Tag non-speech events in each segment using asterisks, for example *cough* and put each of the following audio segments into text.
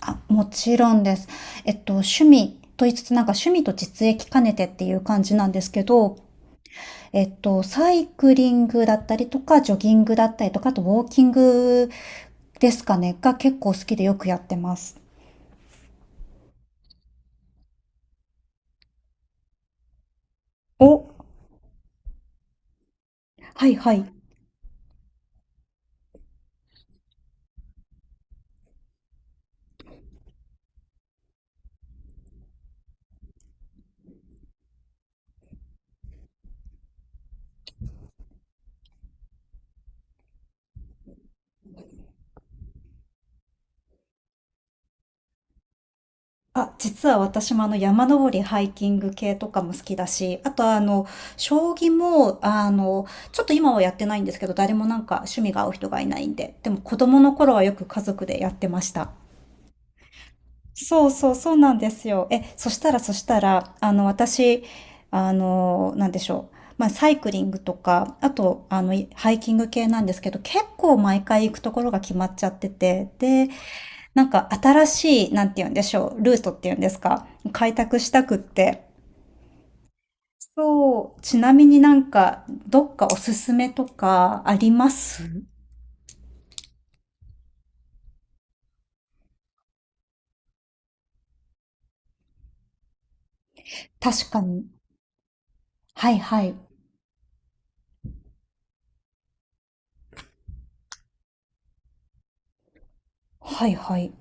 あ、もちろんです。趣味と言いつつ、なんか趣味と実益兼ねてっていう感じなんですけど、サイクリングだったりとか、ジョギングだったりとか、あとウォーキングですかね、が結構好きでよくやってます。お、はいはい。あ、実は私もあの山登り、ハイキング系とかも好きだし、あとあの、将棋も、あの、ちょっと今はやってないんですけど、誰もなんか趣味が合う人がいないんで、でも子供の頃はよく家族でやってました。そうそうそうなんですよ。え、そしたら、あの、私、あの、なんでしょう。まあ、サイクリングとか、あと、あの、ハイキング系なんですけど、結構毎回行くところが決まっちゃってて、で、なんか新しい、なんて言うんでしょう、ルートっていうんですか、開拓したくって。そう、ちなみになんか、どっかおすすめとかあります？確かに。はいはい。はいはい。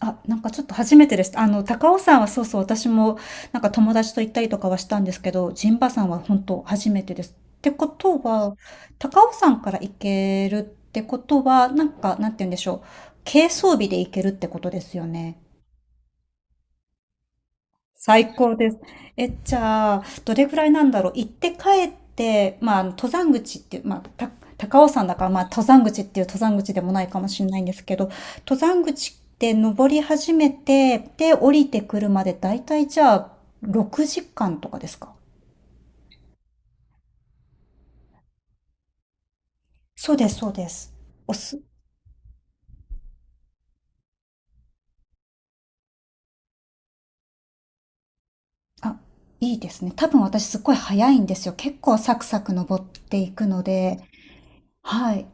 あ、なんかちょっと初めてです。あの、高尾山はそうそう、私もなんか友達と行ったりとかはしたんですけど、陣馬山は本当初めてです。ってことは、高尾山から行けるってことは、なんか、なんて言うんでしょう。軽装備で行けるってことですよね。最高です。え、じゃあ、どれぐらいなんだろう。行って帰って、まあ、あの登山口っていう、まあ、高尾山だから、まあ、登山口っていう登山口でもないかもしれないんですけど、登山口って登り始めて、で、降りてくるまで、だいたいじゃあ、6時間とかですか？そうです、そうです。おす、あ、いいですね。多分私すっごい早いんですよ。結構サクサク登っていくので、はい。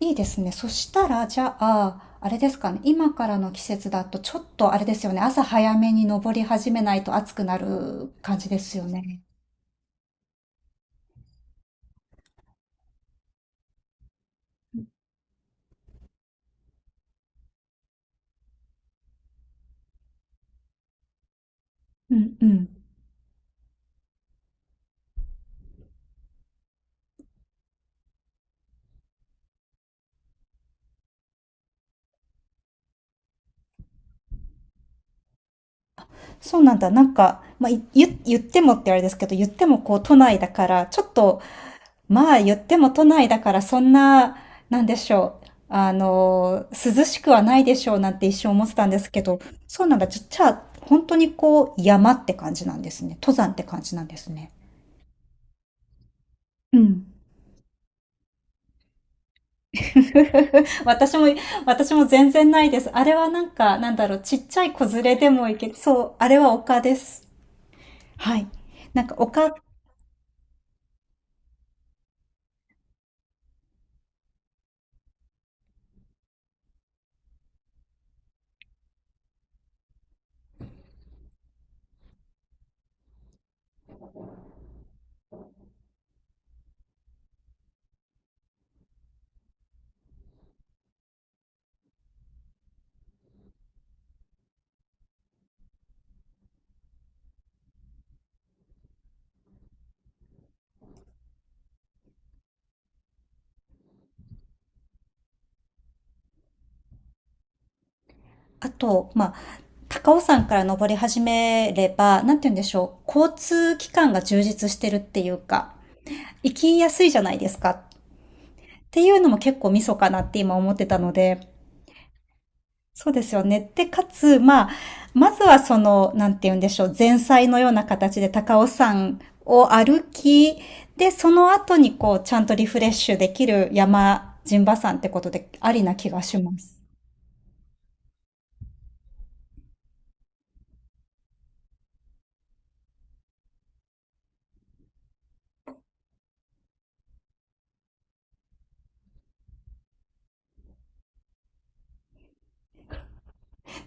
いいですね。そしたら、じゃあ、あれですかね、今からの季節だとちょっとあれですよね、朝早めに登り始めないと暑くなる感じですよね。うんうん。そうなんだ。なんか、まあ、言ってもってあれですけど、言ってもこう都内だから、ちょっと、まあ言っても都内だからそんな、なんでしょう。あの、涼しくはないでしょうなんて一瞬思ってたんですけど、そうなんだ。じゃあ、本当にこう山って感じなんですね。登山って感じなんですね。うん。*laughs* 私も、私も全然ないです。あれはなんか、なんだろう、ちっちゃい子連れでもいける。そう、あれは丘です。はい。なんか丘、あと、まあ、高尾山から登り始めれば、なんて言うんでしょう、交通機関が充実してるっていうか、行きやすいじゃないですか。っていうのも結構ミソかなって今思ってたので、そうですよね。で、かつ、まあ、まずはその、なんて言うんでしょう、前菜のような形で高尾山を歩き、で、その後にこう、ちゃんとリフレッシュできる山、陣馬山ってことでありな気がします。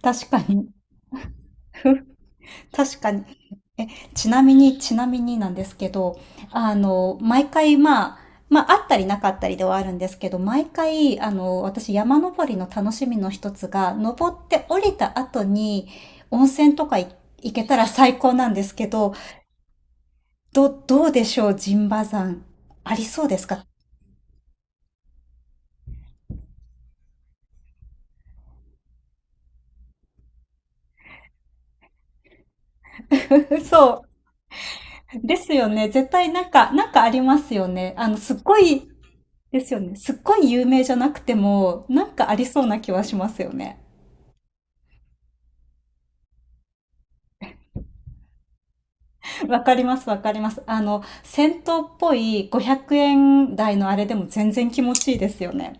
確かに。*laughs* 確かに。ちなみになんですけど、あの、毎回まあ、まあ、あったりなかったりではあるんですけど、毎回、あの、私山登りの楽しみの一つが、登って降りた後に温泉とか行けたら最高なんですけど、どうでしょう、陣馬山。ありそうですか？ *laughs* そう。ですよね。絶対なんか、なんかありますよね。あの、すっごい、ですよね。すっごい有名じゃなくても、なんかありそうな気はしますよね。*laughs* わかります、わかります。あの、銭湯っぽい500円台のあれでも全然気持ちいいですよね。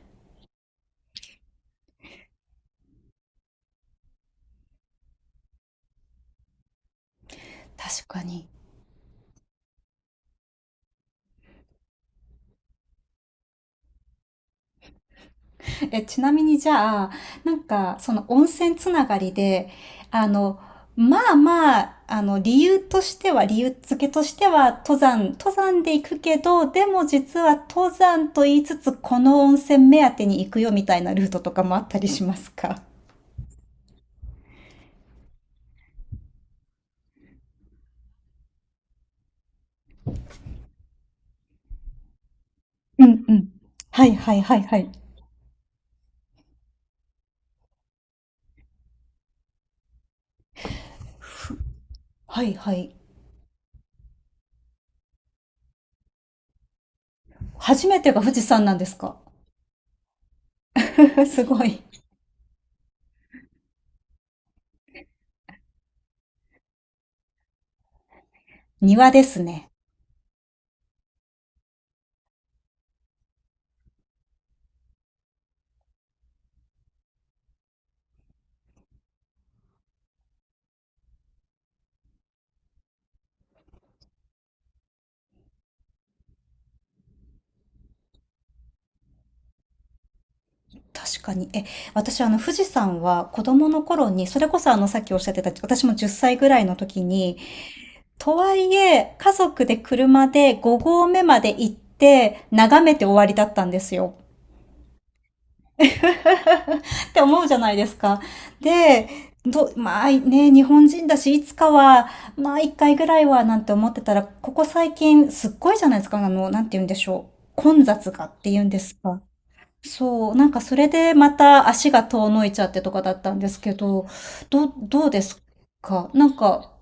確かに。え、ちなみにじゃあ、なんか、その温泉つながりで、あの、まあまあ、あの、理由としては、理由付けとしては、登山、登山で行くけど、でも実は登山と言いつつ、この温泉目当てに行くよみたいなルートとかもあったりしますか？うんうん。はいはいはいはい。はいはい。初めてが富士山なんですか？ *laughs* すごい。庭ですね。確かに。え、私、あの、富士山は子供の頃に、それこそあの、さっきおっしゃってた、私も10歳ぐらいの時に、とはいえ、家族で車で5合目まで行って、眺めて終わりだったんですよ。*laughs* って思うじゃないですか。で、まあね、日本人だし、いつかは、まあ一回ぐらいは、なんて思ってたら、ここ最近、すっごいじゃないですか、あの、なんて言うんでしょう。混雑がって言うんですか。そう、なんかそれでまた足が遠のいちゃってとかだったんですけど、どうですか？なんか、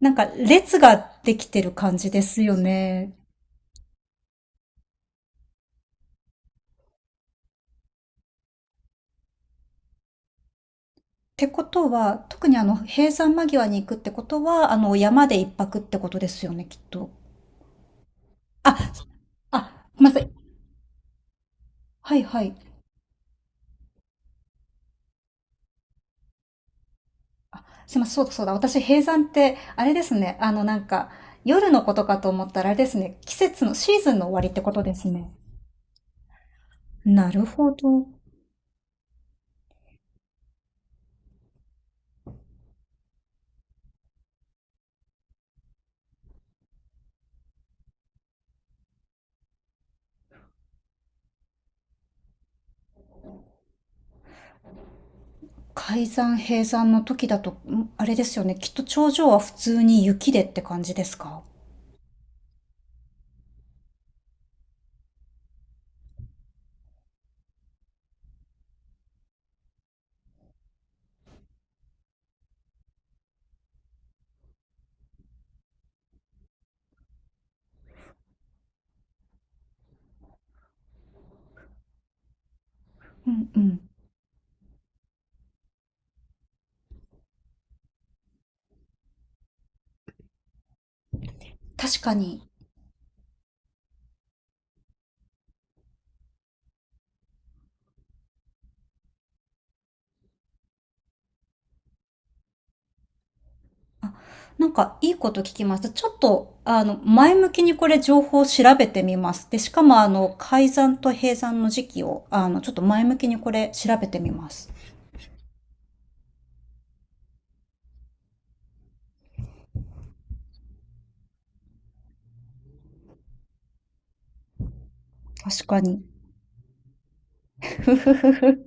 なんか列ができてる感じですよね。ってことは、特にあの、閉山間際に行くってことは、あの、山で一泊ってことですよね、きっと。あ、あ、ごめんなさい。はいはい。すいません、そうだそうだ。私、閉山って、あれですね。あの、なんか、夜のことかと思ったら、あれですね。季節の、シーズンの終わりってことですね。なるほど。改ざん閉山の時だと、あれですよね。きっと頂上は普通に雪でって感じですか？うんうん。確かに。あ、なんかいいこと聞きました。ちょっと、あの、前向きにこれ情報を調べてみます。で、しかもあの、改ざんと閉山の時期を、あの、ちょっと前向きにこれ調べてみます。確かに。*laughs* ふふふ。